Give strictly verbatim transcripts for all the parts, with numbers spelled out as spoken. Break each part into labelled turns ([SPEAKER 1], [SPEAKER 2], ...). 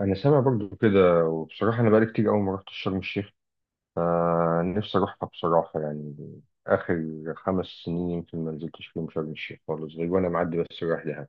[SPEAKER 1] انا سامع برضو كده، وبصراحه انا بقالي كتير قوي ما رحتش شرم الشيخ. فنفسي اروحها بصراحه يعني. اخر خمس سنين يمكن ما نزلتش فيهم شرم الشيخ خالص، غير وانا معدي بس رايح دهب.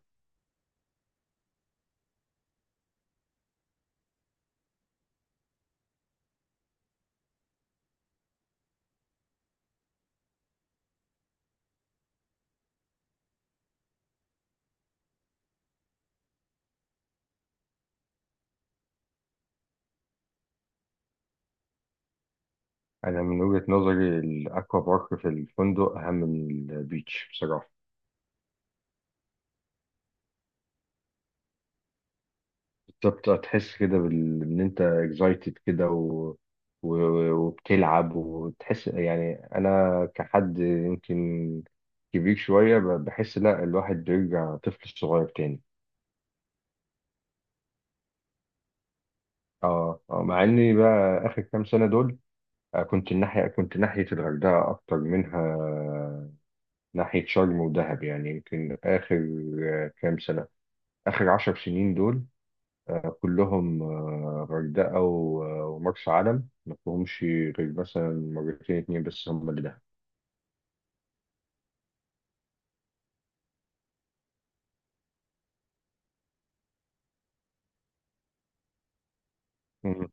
[SPEAKER 1] انا من وجهه نظري الاكوا بارك في الفندق اهم من البيتش بصراحه. بتبقى تحس كده بال... ان انت اكزايتد كده و... و... وبتلعب وتحس، يعني انا كحد يمكن كبير شويه ب- بحس لا الواحد بيرجع طفل صغير تاني. اه، اه، مع اني بقى اخر كام سنه دول. آه، كنت الناحيه كنت ناحيه الغردقه اكتر منها، ناحيه شرم ودهب، يعني يمكن اخر آه، كام سنه، اخر عشر سنين دول. آه، كلهم آه، غردقه و- آه، ومرسى علم، ما فيهمش غير مثلا مرتين اتنين بس هم اللي دهب. مم.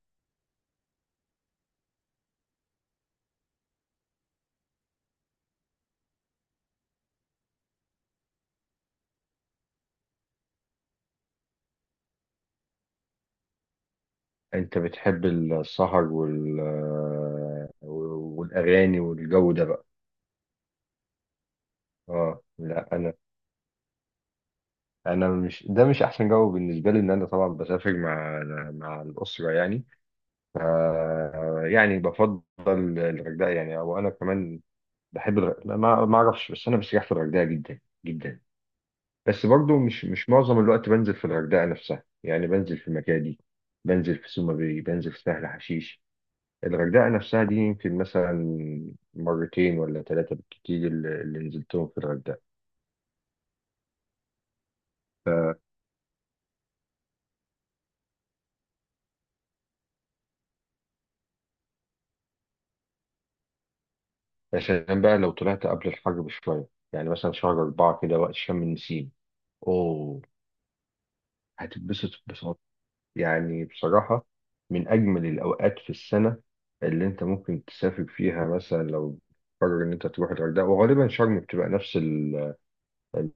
[SPEAKER 1] انت بتحب السهر وال آه، والاغاني والجو ده بقى؟ اه، لا، انا مش ده مش احسن جو بالنسبه لي، ان انا طبعا بسافر مع مع الاسره يعني. ف يعني بفضل الغردقه، يعني او انا كمان بحب الغردقه، ما ما اعرفش، بس انا بستريح في الغردقه جدا جدا. بس برضو مش مش معظم الوقت بنزل في الغردقه نفسها، يعني بنزل في مكادي، بنزل في سوما باي، بنزل في سهل حشيش. الغردقه نفسها دي يمكن مثلا مرتين ولا ثلاثه بالكتير اللي اللي نزلتهم في الغردقه. يا سلام بقى لو طلعت قبل الحر بشوية، يعني مثلا شهر أربعة كده وقت شم النسيم. أوه، هتتبسط ببساطة، يعني بصراحة، من أجمل الأوقات في السنة اللي أنت ممكن تسافر فيها، مثلا لو قرر إن أنت تروح الغردقة، وغالبا شرم بتبقى نفس ال ال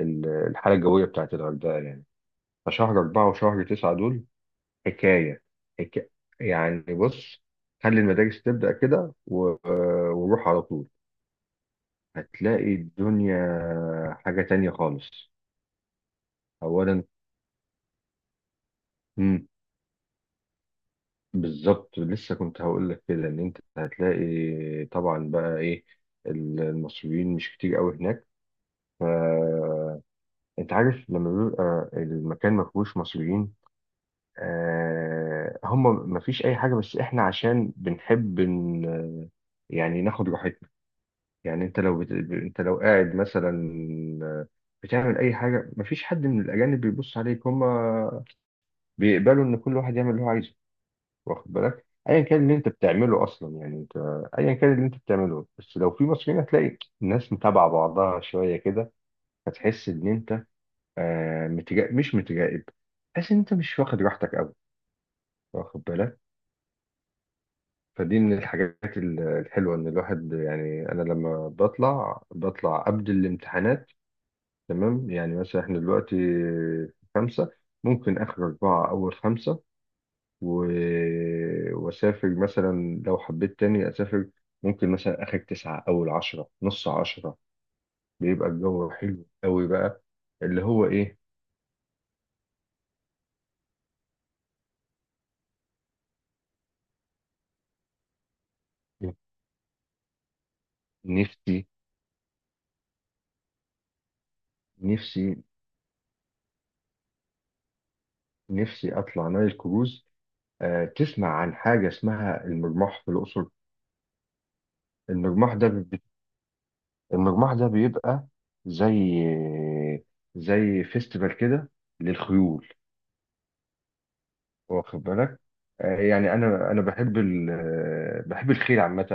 [SPEAKER 1] ال الحالة الجوية بتاعت الغردقة يعني. فشهر أربعة وشهر تسعة دول حكاية حكاية. يعني بص، خلي المدارس تبدأ كده و- وروح على طول، هتلاقي الدنيا حاجة تانية خالص. أولا، مم. بالظبط، لسه كنت هقول لك كده إن أنت هتلاقي، طبعا بقى إيه، المصريين مش كتير قوي هناك. فأنت عارف لما بيبقى المكان ما فيهوش مصريين، آه هم ما فيش أي حاجة، بس إحنا عشان بنحب إن يعني ناخد راحتنا. يعني أنت لو بت... أنت لو قاعد مثلا بتعمل أي حاجة، مفيش حد من الأجانب بيبص عليك، هما بيقبلوا ان كل واحد يعمل اللي هو عايزه، واخد بالك، ايا كان اللي انت بتعمله اصلا، يعني انت ايا كان اللي انت بتعمله، بس لو في مصريين هتلاقي الناس متابعه بعضها شويه كده. هتحس ان انت آه متجا... مش متجائب، تحس ان انت مش واخد راحتك قوي، واخد بالك. فدي من الحاجات ال- الحلوه ان الواحد، يعني انا لما بطلع بطلع قبل الامتحانات. تمام، يعني مثلا احنا دلوقتي خمسه، ممكن اخر اربعه اول خمسه، و... وأسافر مثلا لو حبيت تاني أسافر، ممكن مثلا آخر تسعة أول عشرة نص عشرة، بيبقى الجو حلو قوي بقى، اللي هو إيه. نفسي، نفسي، نفسي أطلع نايل كروز. آه تسمع عن حاجة اسمها المرماح في الأقصر؟ المرماح ده بي... المرماح ده بيبقى زي زي فيستيفال كده للخيول، واخد بالك. آه، يعني انا انا بحب ال آه، بحب الخيل عامه.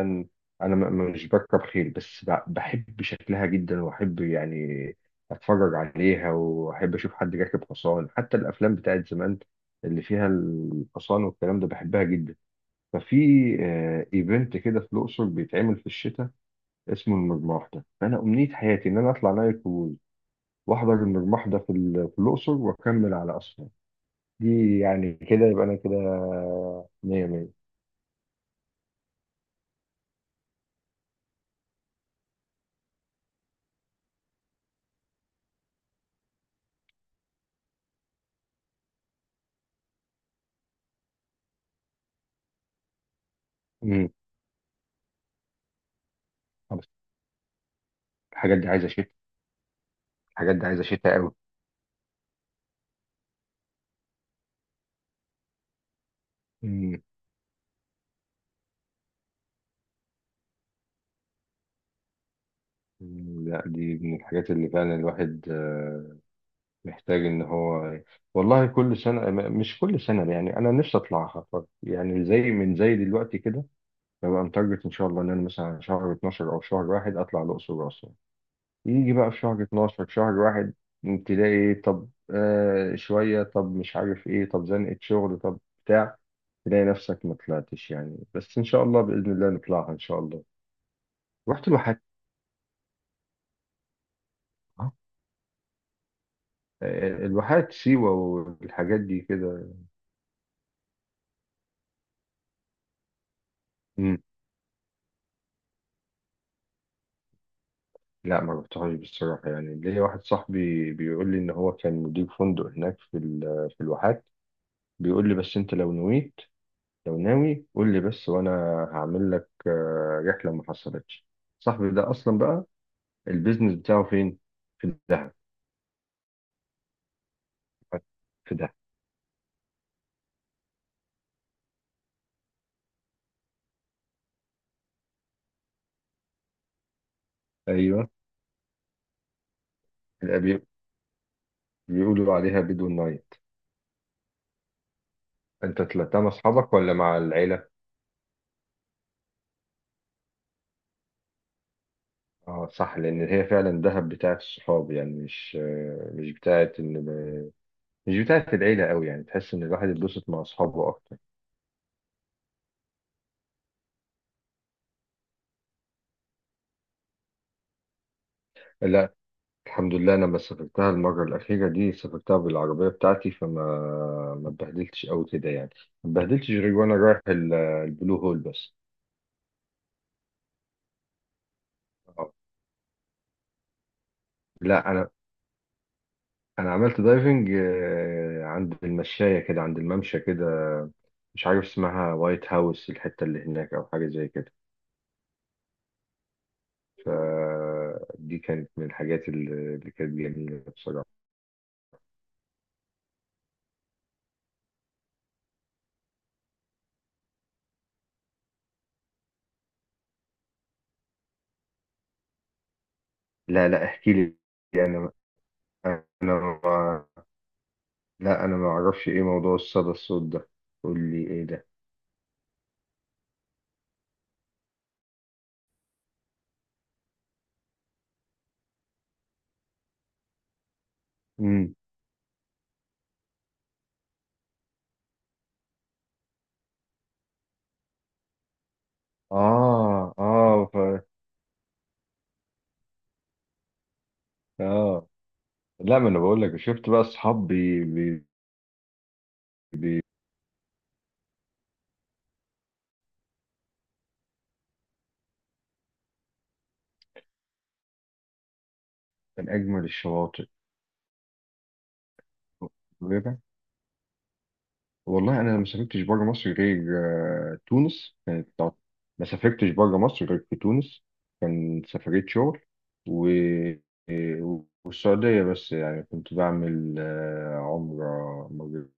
[SPEAKER 1] انا م- م- مش بركب خيل، بس ب- بحب شكلها جدا واحب يعني اتفرج عليها واحب اشوف حد راكب حصان، حتى الافلام بتاعت زمان اللي فيها الحصان والكلام ده بحبها جدا. ففي آه، ايفنت كده في الاقصر بيتعمل في الشتاء اسمه المجموح ده، فانا امنيه حياتي ان انا اطلع نايل كروز واحضر المجموح ده في ال- في الاقصر واكمل على اسوان. دي يعني كده يبقى انا كده مية مية. امم، خلاص. الحاجات دي عايزة شتاء، الحاجات دي عايزة شتاء قوي. امم. أمم، لا دي من الحاجات اللي فعلا الواحد آه، محتاج ان هو، والله كل سنة م- مش كل سنة، يعني انا نفسي اطلعها، طب يعني زي من زي دلوقتي كده، ببقى متارجت ان شاء الله ان انا مثلا شهر اتناشر او شهر واحد اطلع الاقصر واسوان، يجي بقى في شهر اتناشر شهر واحد، تلاقي إيه، طب آه شوية، طب مش عارف ايه، طب زنقة شغل، طب بتاع تلاقي نفسك ما طلعتش يعني، بس ان شاء الله بإذن الله نطلعها ان شاء الله. رحت الواحات؟ آه. آه، الواحات سيوة والحاجات دي كده. مم. لا، ما رحتهاش بصراحة، يعني ليا واحد صاحبي بيقول لي ان هو كان مدير فندق هناك في ال- في الواحات، بيقول لي بس انت لو نويت، لو ناوي قول لي بس، وانا هعمل لك آه، رحله، ما حصلتش. صاحبي ده اصلا بقى البيزنس بتاعه فين؟ في دهب. في دهب، ايوه. اللي بي- بيقولوا عليها بدو نايت. انت طلعتها مع اصحابك ولا مع العيله؟ اه، صح، لان هي فعلا دهب بتاعت الصحاب، يعني مش آه، مش بتاعت ان مش بتاعت العيله قوي، يعني تحس ان الواحد يتبسط مع اصحابه اكتر. لا، الحمد لله أنا لما سافرتها المرة الأخيرة دي سافرتها بالعربية بتاعتي، فما ما اتبهدلتش أوي كده يعني. ما اتبهدلتش غير وأنا رايح ال- البلو هول بس. آه. لا، أنا أنا عملت دايفنج، آه، عند المشاية كده عند الممشى كده، مش عارف اسمها وايت هاوس الحتة اللي هناك، أو حاجة زي كده. فدي كانت من الحاجات اللي اللي كانت جميلة بصراحة. لا، لا، احكي لي. يعني، أنا أنا ما- لا، أنا ما أعرفش إيه موضوع الصدى الصوت ده، قول لي إيه ده. امم. اه، اه. ف... اه، لا، ما انا بقول لك، شفت بقى اصحاب بي... بي... بي... من اجمل الشواطئ وكده. والله انا ما سافرتش بره مصر غير، آه، تونس كانت تع- ما سافرتش بره مصر غير في تونس، كان سفرية شغل، و... والسعودية بس، يعني كنت بعمل آه، عمرة مرتين.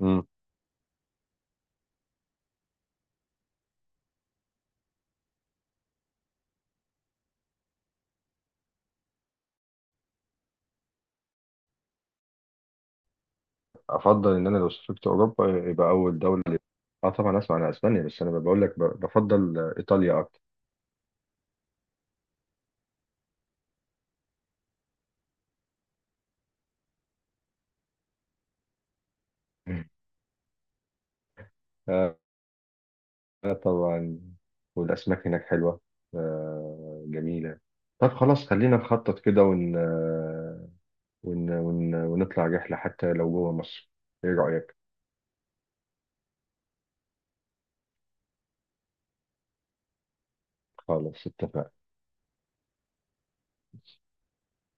[SPEAKER 1] امم. افضل ان انا لو سافرت اوروبا يبقى اول دولة، اه طبعا اسمع عن اسبانيا، بس انا بقول لك ب- بفضل آه، ايطاليا اكتر. مم. آه، آه، طبعا، والاسماك هناك حلوه، آه، جميله. طب خلاص خلينا نخطط كده ون... آه، ون... ون... ونطلع رحله حتى لو جوه مصر، ايه رايك؟ خلاص، اتفقنا.